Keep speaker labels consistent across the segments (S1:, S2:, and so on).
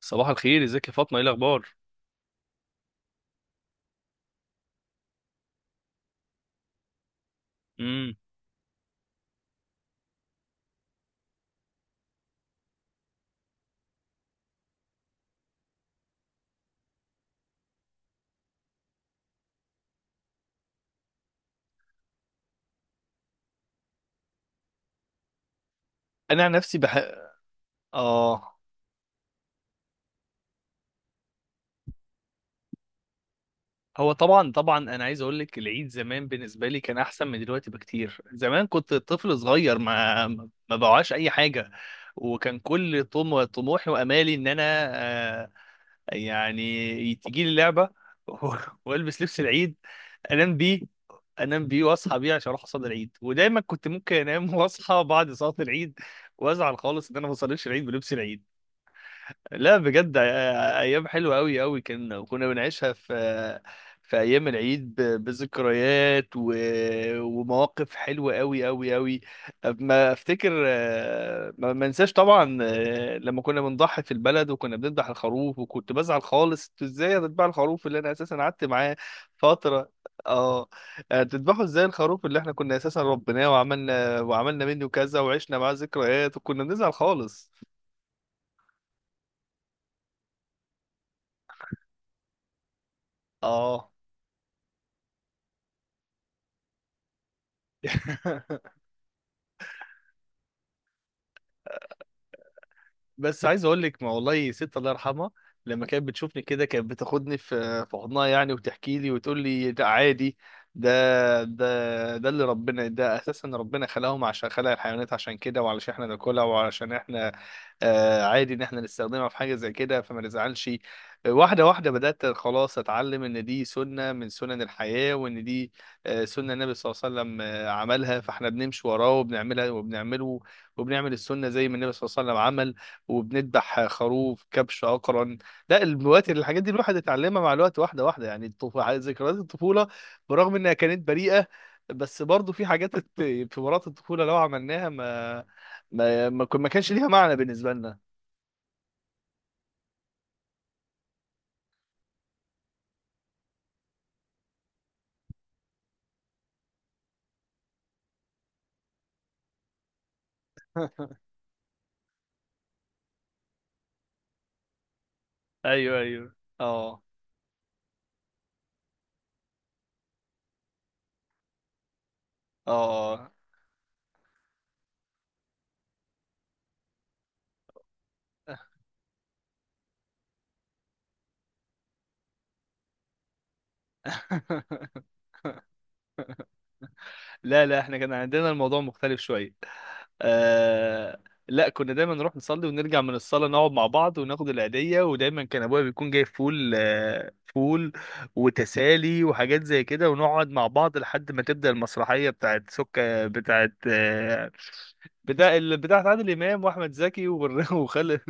S1: صباح الخير، ازيك يا فاطمه؟ ايه الاخبار؟ امم انا عن نفسي بح. اه. هو طبعا انا عايز اقول لك العيد زمان بالنسبه لي كان احسن من دلوقتي بكتير. زمان كنت طفل صغير، ما بوعاش اي حاجه، وكان كل طموحي وامالي ان انا آه يعني تجي لي لعبه، والبس لبس العيد، انام بيه انام بيه واصحى بيه عشان اروح اصلي العيد. ودايما كنت ممكن انام واصحى بعد صلاه العيد وازعل خالص ان انا ما بصليش العيد بلبس العيد. لا بجد، ايام حلوه قوي قوي كنا، وكنا بنعيشها في في ايام العيد بذكريات ومواقف حلوه قوي قوي قوي. ما افتكر، ما انساش طبعا، لما كنا بنضحي في البلد وكنا بنذبح الخروف. وكنت بزعل خالص: انتوا ازاي هتذبحوا الخروف اللي انا اساسا قعدت معاه فتره؟ اه. تذبحوا ازاي الخروف اللي احنا كنا اساسا ربيناه وعملنا وعملنا منه كذا وعشنا معاه ذكريات؟ وكنا بنزعل خالص. اه. بس عايز اقول لك، ما والله ست الله يرحمها لما كانت بتشوفني كده كانت بتاخدني في حضنها يعني، وتحكي لي وتقول لي ده عادي. ده ده اللي ربنا، ده اساسا ربنا خلقهم عشان خلق الحيوانات عشان كده، وعلشان احنا ناكلها، وعلشان احنا عادي ان احنا نستخدمها في حاجه زي كده فما نزعلش. واحده واحده بدات خلاص اتعلم ان دي سنه من سنن الحياه، وان دي سنه النبي صلى الله عليه وسلم، عملها، فاحنا بنمشي وراه وبنعملها وبنعمله وبنعمل السنه زي ما النبي صلى الله عليه وسلم عمل، وبنذبح خروف كبش اقرن. لا الوقت الحاجات دي الواحد اتعلمها مع الوقت، واحده واحده. يعني ذكريات الطفوله برغم انها كانت بريئه، بس برضه في حاجات في مرات الطفوله لو عملناها ما كانش ليها معنى بالنسبه لنا. ايوه ايوه. اه اه. لا لا، احنا كان عندنا الموضوع مختلف شويه. آه. لا كنا دايما نروح نصلي ونرجع من الصلاه، نقعد مع بعض وناخد العيديه. ودايما كان ابويا بيكون جايب فول، آه، فول وتسالي وحاجات زي كده. ونقعد مع بعض لحد ما تبدا المسرحيه بتاعت سكه بتاعت، بتاعت عادل امام واحمد زكي وخالد.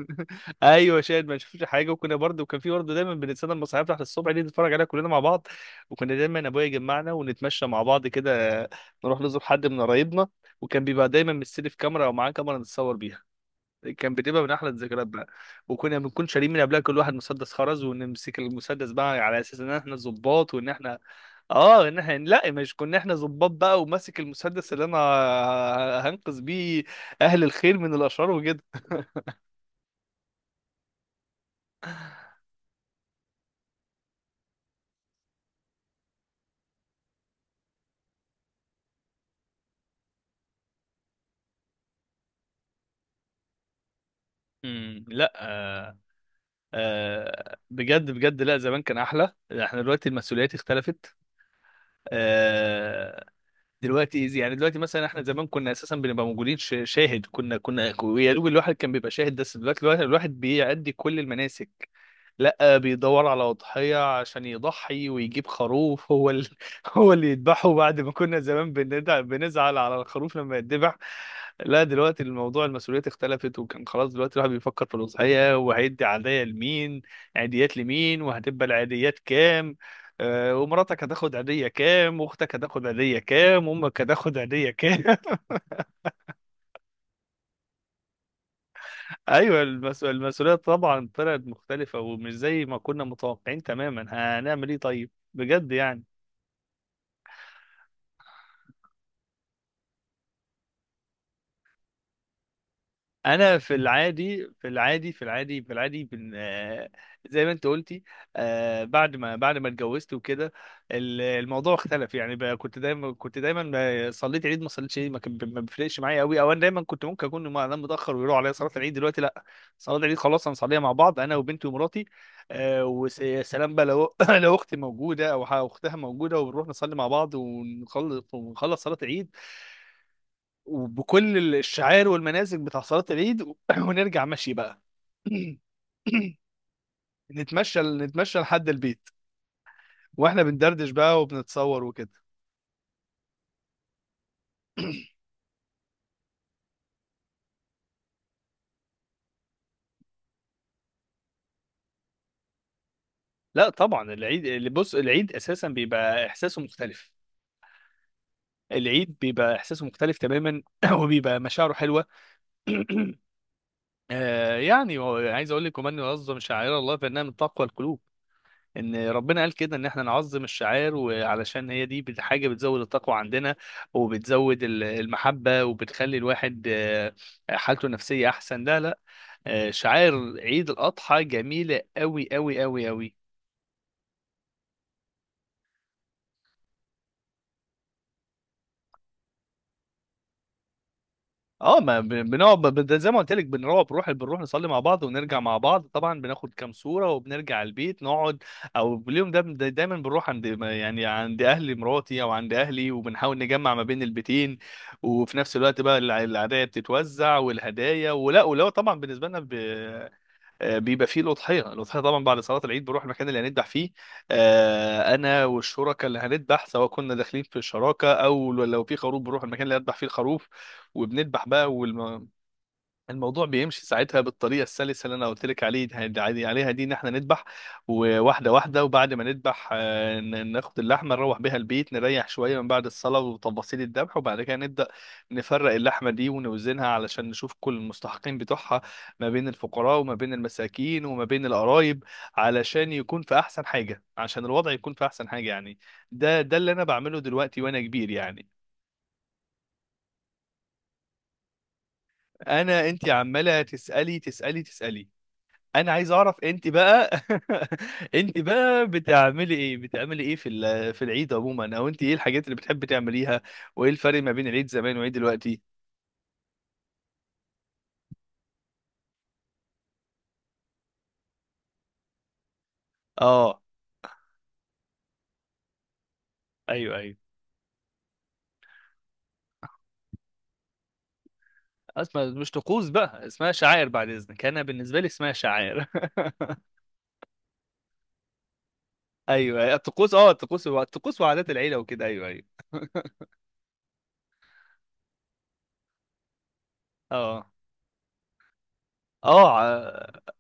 S1: ايوه شاهد ما شفتش حاجه. وكنا برضه، وكان في برضه دايما بنتسنى المسرحيه بتاعت الصبح دي نتفرج عليها كلنا مع بعض. وكنا دايما ابويا يجمعنا ونتمشى مع بعض كده، نروح نزور حد من قرايبنا. وكان بيبقى دايما مستلف كاميرا او معاه كاميرا نتصور بيها. كان بتبقى من احلى الذكريات بقى. وكنا بنكون شاريين من قبلها كل واحد مسدس خرز، ونمسك المسدس بقى على اساس ان احنا الضباط وان احنا اه، ان احنا لا، مش كنا احنا ظباط بقى، وماسك المسدس اللي انا هنقذ بيه اهل الخير من الاشرار وكده. لا. آه بجد بجد، لا زمان كان احلى. احنا دلوقتي المسؤوليات اختلفت. آه، دلوقتي إيزي. يعني دلوقتي مثلا احنا زمان كنا اساسا بنبقى موجودين، شاهد. كنا يا دوب الواحد كان بيبقى شاهد، بس دلوقتي الواحد بيأدي كل المناسك. لا بيدور على أضحية عشان يضحي ويجيب خروف هو هو اللي يذبحه، بعد ما كنا زمان بنزعل على الخروف لما يتذبح. لا دلوقتي الموضوع المسؤوليات اختلفت. وكان خلاص دلوقتي الواحد بيفكر في الأضحية، وهيدي عادية لمين، عيديات لمين، وهتبقى العيديات كام، ومراتك هتاخد عيدية كام، واختك هتاخد عيدية كام، وامك هتاخد عيدية كام. ايوه، المسؤولية طبعا طلعت مختلفة ومش زي ما كنا متوقعين تماما. هنعمل ايه؟ طيب بجد يعني. انا في العادي زي ما انت قلتي، بعد ما اتجوزت وكده الموضوع اختلف يعني بقى. كنت دايما صليت عيد ما صليتش عيد، ما كان ما بيفرقش معايا قوي، او انا دايما كنت ممكن اكون انام متاخر ويروح عليا صلاه العيد. دلوقتي لا، صلاه العيد خلاص هنصليها مع بعض انا وبنتي ومراتي. وسلام بقى. لو لو اختي موجوده او اختها موجوده، وبنروح نصلي مع بعض ونخلص، ونخلص صلاه العيد وبكل الشعائر والمناسك بتاع صلاة العيد، ونرجع مشي بقى. نتمشى لحد البيت، واحنا بندردش بقى وبنتصور وكده. لا طبعا العيد اللي بص، العيد اساسا بيبقى احساسه مختلف. العيد بيبقى احساسه مختلف تماما، وبيبقى مشاعره حلوه. آه يعني عايز اقول لك: ومن يعظم شعائر الله فانها من تقوى القلوب. ان ربنا قال كده ان احنا نعظم الشعائر، وعلشان هي دي حاجه بتزود التقوى عندنا، وبتزود المحبه، وبتخلي الواحد حالته النفسيه احسن. لا لا، شعائر عيد الاضحى جميله قوي قوي قوي قوي. اه ما بن- بنقعد زي ما قلت لك، بنروح نصلي مع بعض ونرجع مع بعض. طبعا بناخد كام صورة وبنرجع البيت نقعد. او اليوم ده دايما بنروح عند، يعني عند اهل مراتي او عند اهلي، وبنحاول نجمع ما بين البيتين. وفي نفس الوقت بقى العادية بتتوزع والهدايا، ولا ولو طبعا بالنسبة لنا، بيبقى فيه الأضحية. الأضحية طبعا بعد صلاة العيد بنروح المكان اللي هنذبح فيه. أنا والشركاء اللي هنذبح، سواء كنا داخلين في شراكة أو لو في خروف، بنروح المكان اللي هنذبح فيه الخروف وبنذبح بقى. الموضوع بيمشي ساعتها بالطريقه السلسه اللي انا قلت لك عليها دي، ان احنا نذبح وواحده واحده. وبعد ما نذبح، ناخد اللحمه نروح بيها البيت، نريح شويه من بعد الصلاه وتفاصيل الذبح، وبعد كده نبدا نفرق اللحمه دي ونوزنها علشان نشوف كل المستحقين بتوعها، ما بين الفقراء وما بين المساكين وما بين القرايب، علشان يكون في احسن حاجه، عشان الوضع يكون في احسن حاجه يعني. ده اللي انا بعمله دلوقتي وانا كبير يعني. انا انت عماله تسالي. انا عايز اعرف انت بقى. انت بقى بتعملي ايه في العيد عموما، او انت ايه الحاجات اللي بتحبي تعمليها؟ وايه الفرق ما بين العيد زمان وعيد دلوقتي؟ اه. ايوه ايوه. اسمع، مش طقوس بقى، اسمها شعائر بعد اذنك. انا بالنسبه لي اسمها شعائر. ايوه أيوة، الطقوس. اه الطقوس، وعادات العيله وكده. ايوه ايوه. اه اه.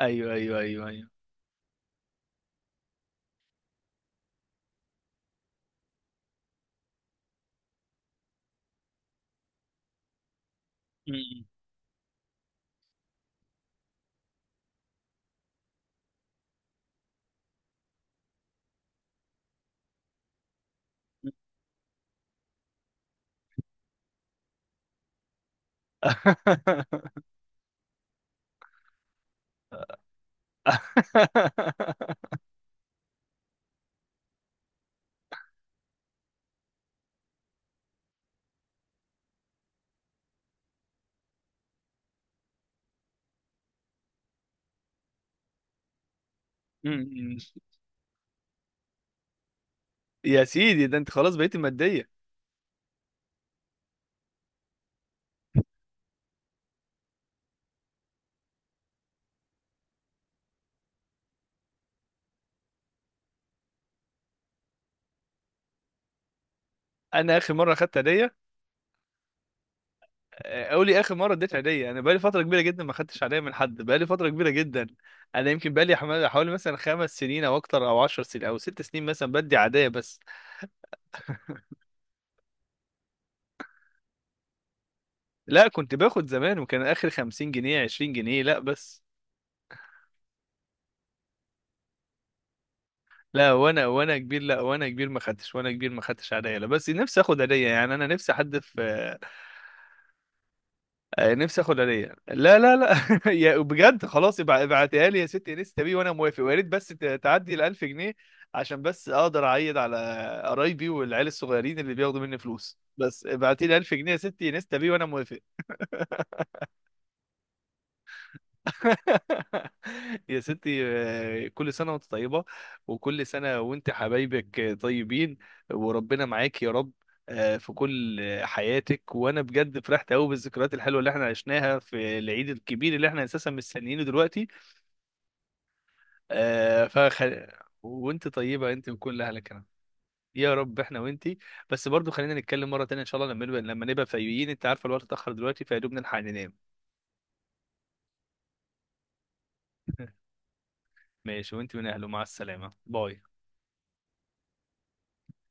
S1: ايوه ايوه. م- م. يا سيدي، ده انت خلاص بقيت مادية. انا اخر مره اخدت هديه، اقول لي اخر مره اديت هديه، انا بقالي فتره كبيره جدا ما خدتش هديه من حد، بقالي فتره كبيره جدا. انا يمكن بقالي حوالي مثلا 5 سنين او اكتر، او 10 سنين، او 6 سنين مثلا، بدي عاديه بس. لا كنت باخد زمان، وكان اخر 50 جنيه، 20 جنيه، لا بس. لا وانا كبير، لا وانا كبير ما خدتش، وانا كبير ما خدتش هديه. لا بس نفسي اخد هديه يعني، انا نفسي حد في، نفسي اخد هديه. لا لا لا، يا بجد خلاص ابعتيها لي يا ستي انستا بيه وانا موافق، ويا ريت بس تعدي ال 1000 جنيه عشان بس اقدر اعيد على قرايبي والعيال الصغيرين اللي بياخدوا مني فلوس. بس ابعتي لي 1000 جنيه يا ستي انستا بيه وانا موافق. يا ستي، كل سنة وانت طيبة، وكل سنة وانت حبايبك طيبين، وربنا معاك يا رب، في كل حياتك. وانا بجد فرحت قوي بالذكريات الحلوه اللي احنا عشناها في العيد الكبير اللي احنا اساسا مستنيينه دلوقتي. آه، فخ... وانت طيبه انت وكل اهلك هنا. يا رب احنا وانت. بس برضو خلينا نتكلم مره تانية ان شاء الله، لما نبقى فايقين. انت عارفه الوقت اتاخر دلوقتي، فيا دوب نلحق ننام. ماشي، وانت من اهله، مع السلامه. باي.